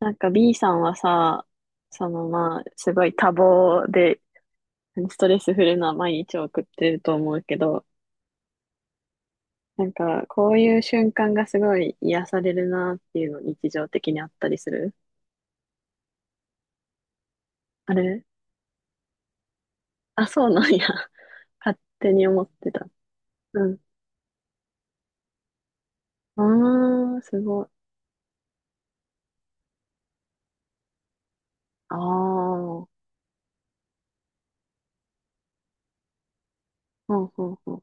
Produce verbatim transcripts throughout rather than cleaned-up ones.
なんか B さんはさ、そのまあ、すごい多忙で、ストレスフルな毎日を送ってると思うけど、なんかこういう瞬間がすごい癒されるなっていうの日常的にあったりする？あれ。あ、そうなんや。勝手に思ってた。うん。うーん、すごい。ああ、ほうほうほう。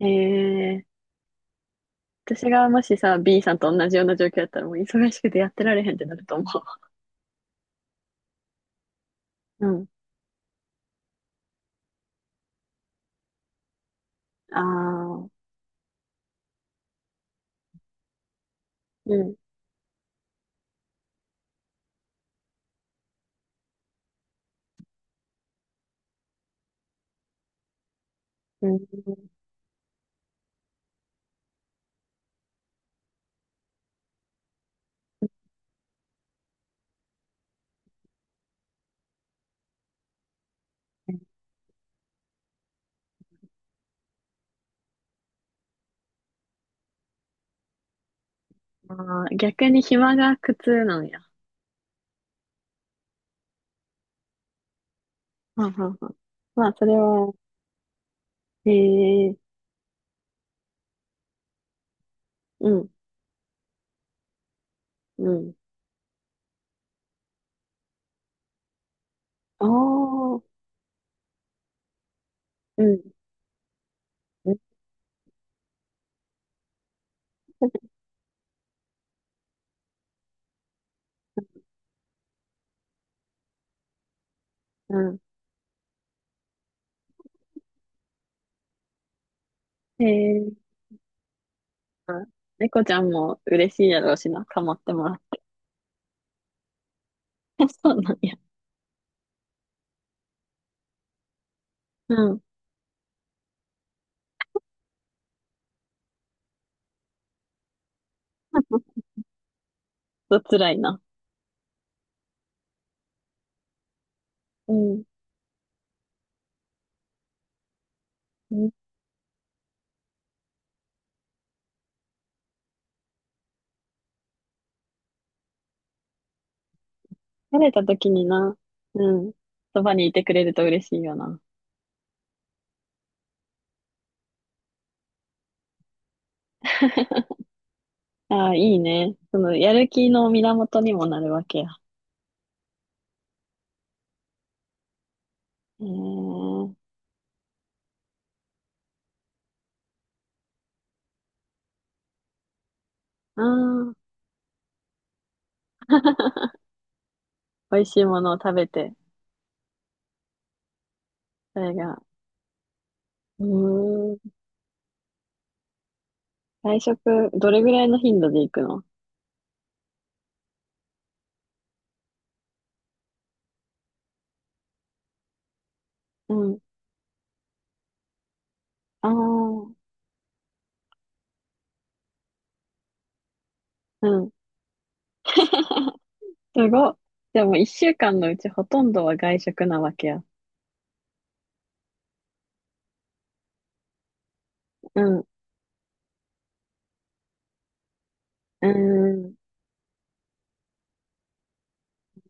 ええ、私がもしさ、B さんと同じような状況だったらもう忙しくてやってられへんってなると思う。うん。ああ、うん。うん。あー逆に暇が苦痛なんや。はんはんはん。まあ、それは、へえ、うん、うん。ああ、うん、うん、うん。へえ、あ、猫ちゃんも嬉しいやろうしな、かまってもらって。そうなんや。うん。と辛いな。うん。うん、慣れた時にな。うん。そばにいてくれると嬉しいよな。ああ、いいね。その、やる気の源にもなるわけや。へえ。ああ、美味しいものを食べて、それが、うーん。外食、どれぐらいの頻度で行くの？うん。ああ、うん。すごっ。でも一週間のうちほとんどは外食なわけや。うん。うーん。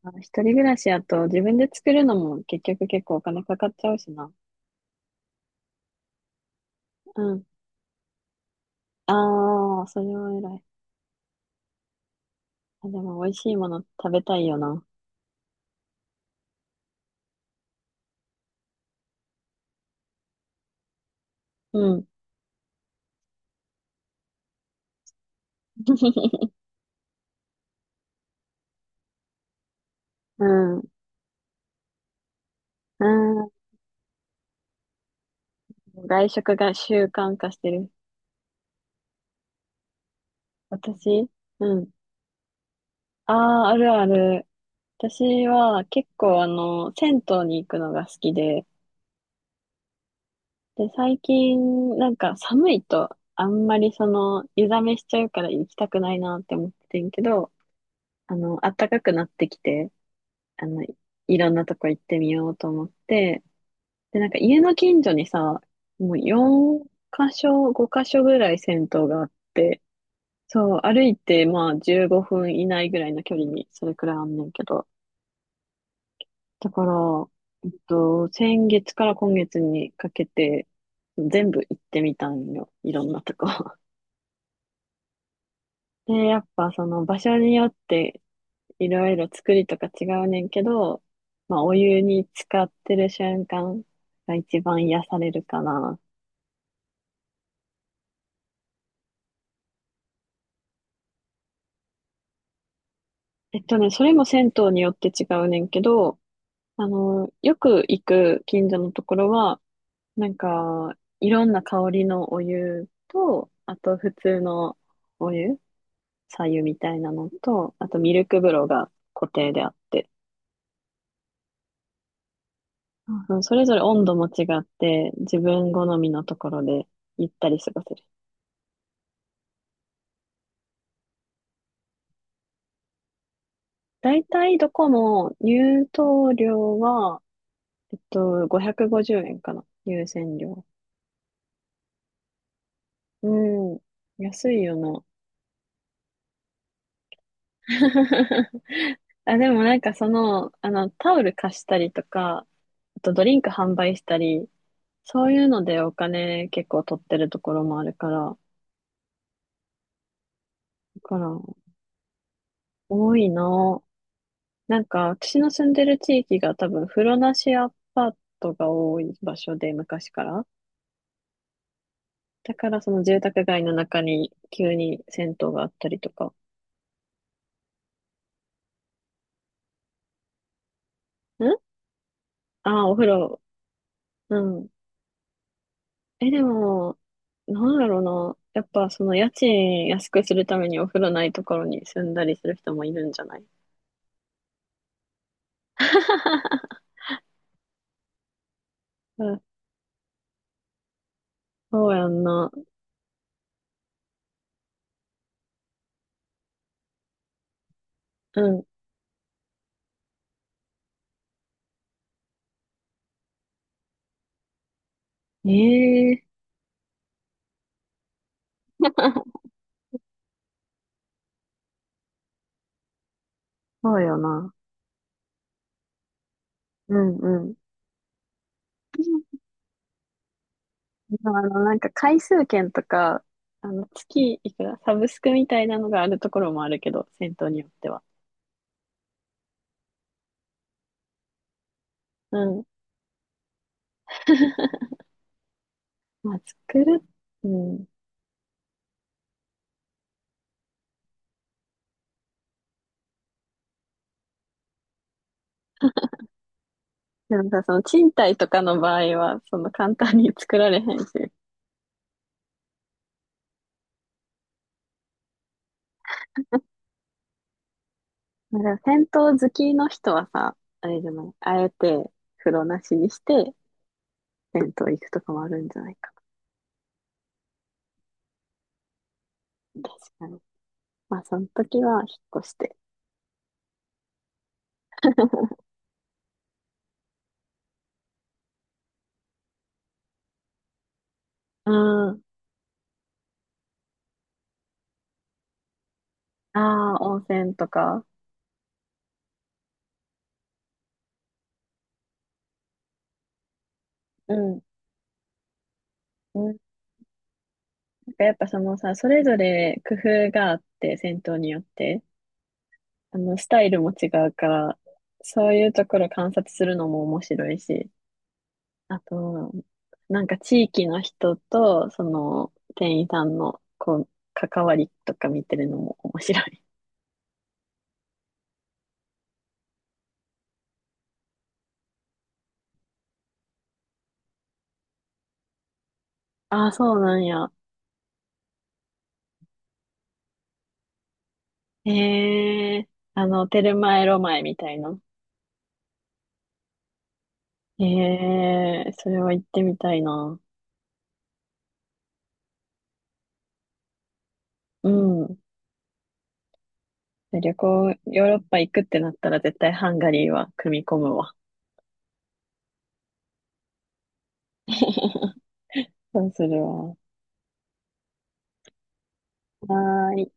まあ一人暮らしやと自分で作るのも結局結構お金かかっちゃうしな。うん。ああ、それは偉い。あ、でも美味しいもの食べたいよな。うん。うん。うん。外食が習慣化してる。私、うん。ああ、あるある。私は結構あの、銭湯に行くのが好きで、で、最近なんか寒いとあんまりその、湯冷めしちゃうから行きたくないなって思ってんけど、あの、暖かくなってきて、あの、いろんなとこ行ってみようと思って、で、なんか家の近所にさ、もうよん箇所、ご箇所ぐらい銭湯があって、そう、歩いてまあじゅうごふん以内ぐらいの距離にそれくらいあんねんけど、だから、えっと、先月から今月にかけて、全部行ってみたんよ。いろんなとこ。で、やっぱその場所によって、いろいろ作りとか違うねんけど、まあ、お湯に浸かってる瞬間が一番癒されるかな。えっとね、それも銭湯によって違うねんけど、あの、よく行く近所のところは、なんか、いろんな香りのお湯と、あと普通のお湯左湯みたいなのと、あとミルク風呂が固定であって、うん、それぞれ温度も違って、自分好みのところでゆったり過ごせる。だいたいどこも入湯料は、えっと、ごひゃくごじゅうえんかな。入選料。うん。安いよな。あ、でもなんかその、あの、タオル貸したりとか、あとドリンク販売したり、そういうのでお金結構取ってるところもあるから、だから、多いな。なんか、私の住んでる地域が多分、風呂なしアパートが多い場所で、昔から。だから、その住宅街の中に急に銭湯があったりとか。ん。ああー、お風呂。うん。え、でも、なんだろうな。やっぱ、その家賃安くするためにお風呂ないところに住んだりする人もいるんじゃない？ うん、そうやんな。うん。ええ。 そうよな。うんうん。まああの、なんか回数券とか、あの、月いくら、サブスクみたいなのがあるところもあるけど、銭湯によっては。うん。まあ、作る、うん。でもさ、その賃貸とかの場合は、その簡単に作られへんし。まあ、でも銭湯好きの人はさ、あれじゃない、あえて風呂なしにして、銭湯行くとかもあるんじゃないかな。確かに。まあ、その時は引っ越して。うん。ああ、温泉とか。うん。うん、やっぱそのさ、それぞれ工夫があって、戦闘によって、あの、スタイルも違うから、そういうところ観察するのも面白いし、あと、なんか地域の人と、その、店員さんの、こう、関わりとか見てるのも面白い。ああ、そうなんや。へえ、あの、テルマエロマエみたいな。へえ、それは行ってみたいな。うん。旅行、ヨーロッパ行くってなったら絶対ハンガリーは組み込むわ。そうするわ。はーい。